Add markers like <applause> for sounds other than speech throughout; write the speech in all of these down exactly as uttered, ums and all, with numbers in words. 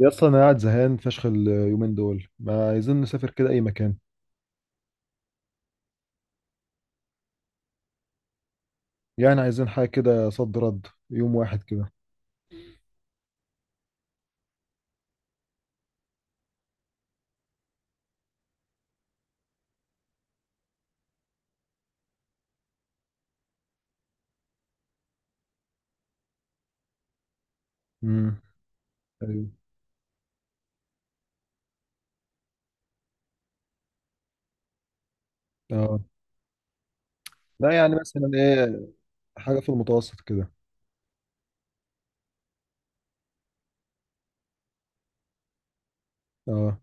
يا اسطى انا قاعد زهقان فشخ اليومين دول ما عايزين نسافر كده اي مكان. يعني عايزين حاجه كده صد رد يوم واحد كده. امم ايوه. اه. لا يعني مثلا ايه؟ حاجه في المتوسط كده. اه.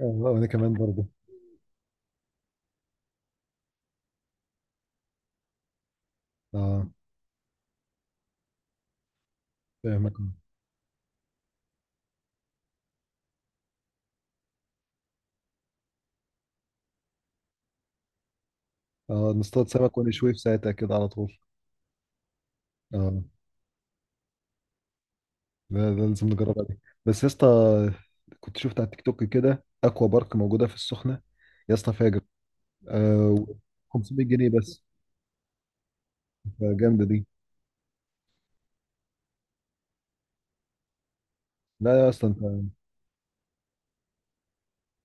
اه وانا كمان برضه. اه. فاهمك. اه نصطاد سمك ونشويه في ساعتها كده على طول. اه. لا لا لازم نجربها دي. بس يا اسطى كنت شفت على التيك توك كده اكوا بارك موجوده في السخنه. يا اسطى فاجر. آه. خمسمية جنيه بس. فجامده دي. لا يا اسطى انت.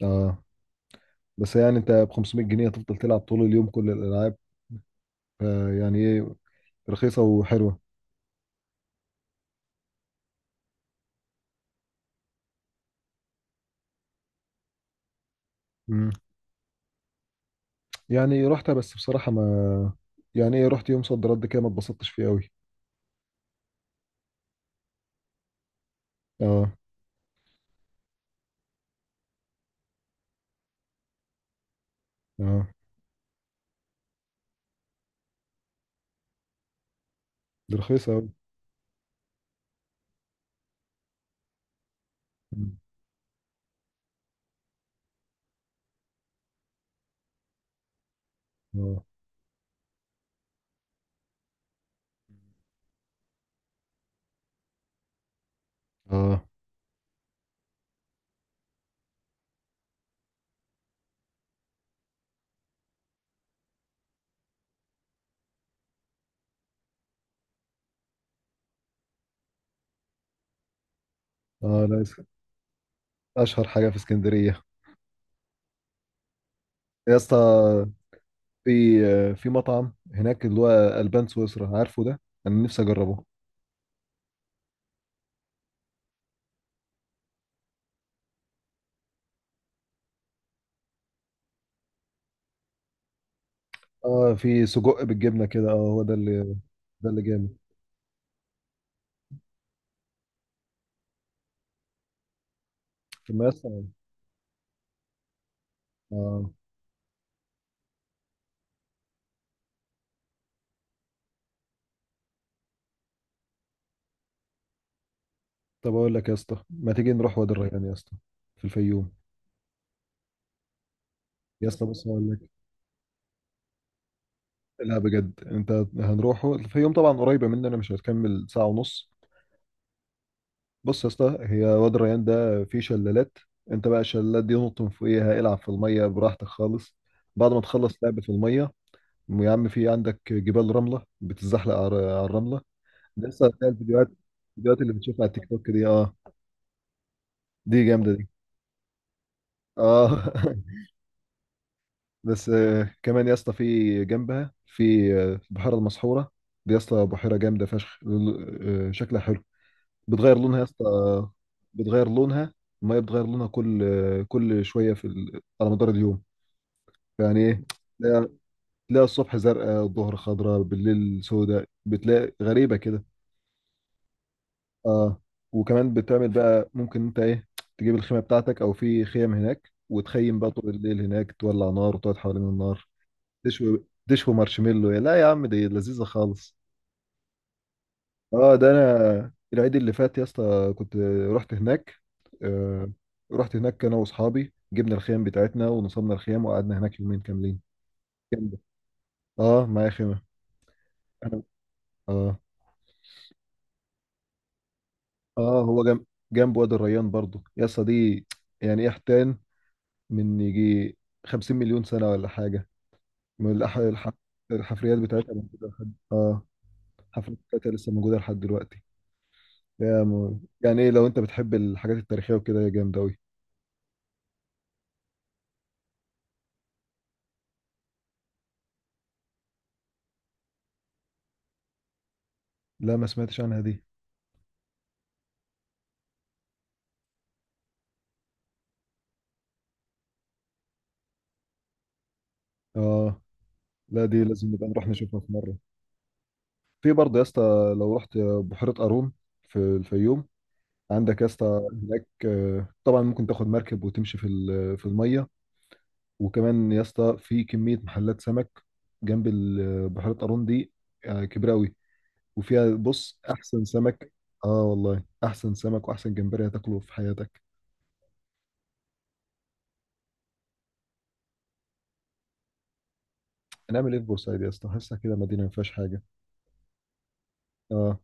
اه. بس يعني انت ب خمسمائة جنيه هتفضل تلعب طول اليوم كل الالعاب، آه، يعني ايه، رخيصه وحلوه. مم. يعني رحتها بس بصراحه ما... يعني ايه، رحت يوم صد رد كده ما اتبسطتش فيه قوي. اه. اه دي رخيصه قوي. اه. اه. اه لا اس- اشهر حاجه في اسكندريه. يا اسطى في آه، في مطعم هناك اللي هو البان سويسرا، عارفه ده. انا نفسي اجربه. اه في سجق بالجبنه كده، اه هو ده اللي... ده اللي جامد. طب ما يا اسطى. طب اقول لك يا اسطى، ما تيجي نروح وادي الريان يا اسطى، في الفيوم؟ يا اسطى بص اقول لك. لا بجد انت. هنروحه الفيوم طبعا، قريبه مننا، مش هتكمل ساعه ونص. بص يا اسطى، هي وادي الريان ده فيه شلالات. انت بقى الشلالات دي نط من فوقيها، العب في الميه براحتك خالص. بعد ما تخلص لعب في الميه، يا عم في عندك جبال رمله بتتزحلق على على الرمله. لسه هتلاقي الفيديوهات، الفيديوهات اللي بتشوفها على التيك توك دي، اه دي جامده دي. اه. <laughs> بس آه، كمان يا اسطى في جنبها في آه، البحيره المسحوره. دي يا اسطى بحيره جامده فشخ، ل- آه، شكلها حلو، بتغير لونها يا اسطى، آه، بتغير لونها، الميه بتغير لونها كل آه، كل شويه في ال- على مدار اليوم، يعني ايه. تلاقي تلاقي الصبح زرقاء الظهر خضراء بالليل سوداء، بتلاقي غريبه كده. اه وكمان بتعمل بقى ممكن انت ايه، تجيب الخيمه بتاعتك او في خيم هناك وتخيم بقى طول الليل هناك، تولع نار وتقعد حوالين النار. دشو دشو مارشميلو، يا لا يا عم دي لذيذة خالص. اه ده انا العيد اللي فات يا اسطى كنت رحت هناك. آه. رحت هناك انا واصحابي، جبنا الخيام بتاعتنا ونصبنا الخيام وقعدنا هناك يومين كاملين. جامدة. اه معايا خيمة. انا. اه. اه هو جنب جنب وادي الريان برضو يا اسطى دي. يعني ايه حتان، من يجي 50 مليون سنة ولا حاجة، من الح... الح... الحفريات بتاعتها موجودة لحد اه... الحفريات بتاعتها لسه موجودة لحد دلوقتي. يا مو... يعني ايه، لو انت بتحب الحاجات التاريخية وكده، يا جامد اوي. لا ما سمعتش عنها دي. اه لا دي لازم نبقى نروح نشوفها في مرة. في برضه يا اسطى، لو رحت بحيرة قارون في الفيوم، عندك يا اسطى هناك، آه، طبعا ممكن تاخد مركب وتمشي في ال- في المية. وكمان يا اسطى في كمية محلات سمك جنب ال- بحيرة قارون دي، آه، كبيرة اوي، وفيها بص احسن سمك. اه والله احسن سمك واحسن جمبري هتاكله في حياتك. هنعمل ايه في بورسعيد يا اسطى، حاسسها كده مدينة ما فيهاش حاجة. اه.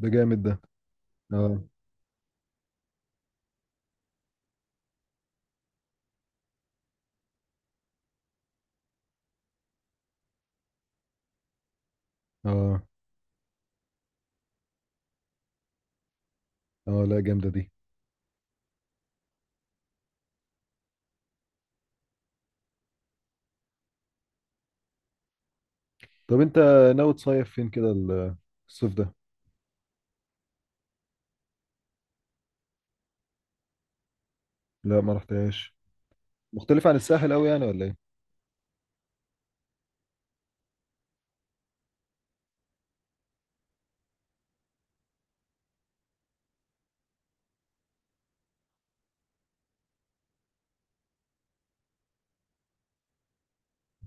ده جامد ده. اه. اه. اه لا جامدة دي. طب انت ناوي تصيف فين كده ال- الصيف ده؟ لا ما رحتهاش. مختلف عن الساحل قوي يعني ولا ايه؟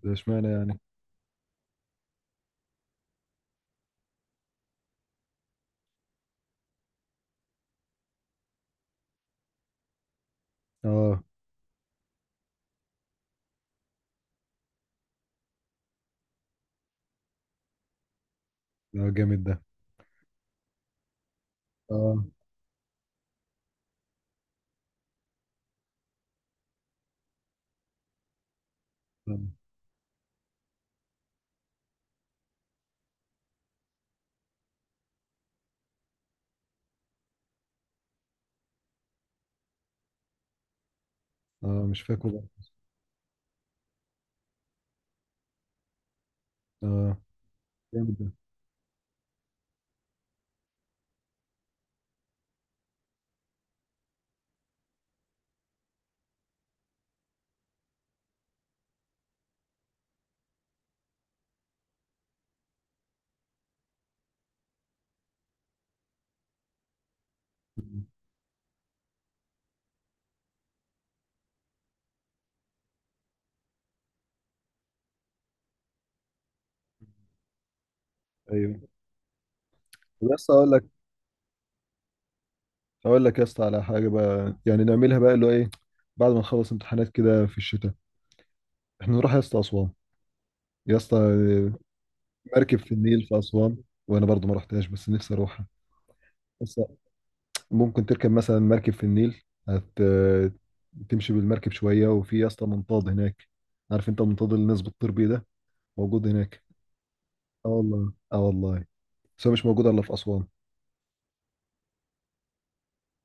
ده اشمعنى يعني؟ اه. اه جامد ده. اه. اه. آه، مش فاكره بقى. اه جامد ده. ايوه. بس اقول لك، اقول لك يا اسطى على حاجه بقى، يعني نعملها بقى اللي هو ايه، بعد ما نخلص امتحانات كده في الشتاء، احنا نروح يا اسطى اسوان يا اسطى، آه، مركب في النيل في اسوان. وانا برضو ما رحتهاش بس نفسي اروحها. بس ممكن تركب مثلا مركب في النيل، هت... تمشي بالمركب شوية، وفي يا اسطى منطاد هناك، عارف انت المنطاد اللي الناس بتطير بيه ده، موجود هناك. اه والله، اه والله، بس هو مش موجود الا في أسوان.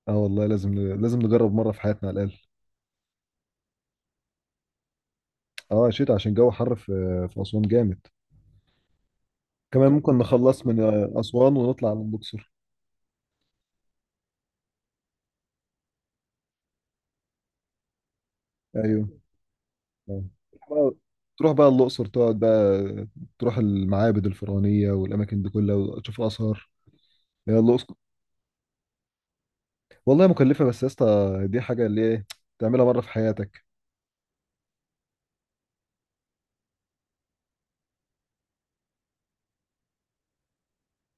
اه والله لازم ن... لازم نجرب مرة في حياتنا على الأقل. اه شتا عشان جو حر في في أسوان جامد. كمان ممكن نخلص من أسوان ونطلع على الأقصر. ايوه. آه. بقى- تروح بقى الأقصر، تقعد بقى، تروح المعابد الفرعونية والأماكن دي كلها وتشوف آثار، هي الأقصر. والله مكلفة بس يا اسطى، دي حاجة اللي ايه، تعملها مرة في حياتك.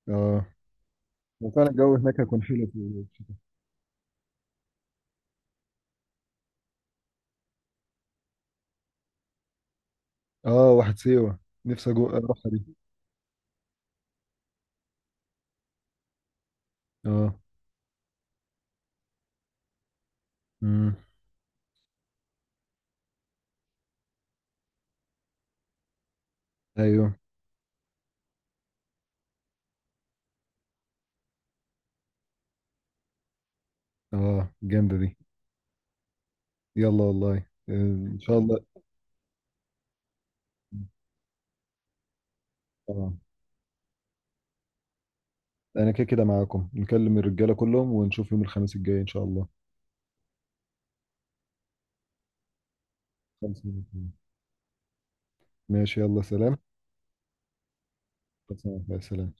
اه وفعلا الجو هناك هيكون حلو في الشتاء. اه واحد سيوة، نفسي أجو- اروحها دي. اه. امم ايوه. اه جامدة دي. يلا والله، آه، ان شاء الله. اه. انا كده كده معاكم، نكلم الرجالة كلهم ونشوف يوم الخميس الجاي ان شاء الله. خمسة وعشرين. ماشي يلا سلام. خمسة وعشرين. سلام.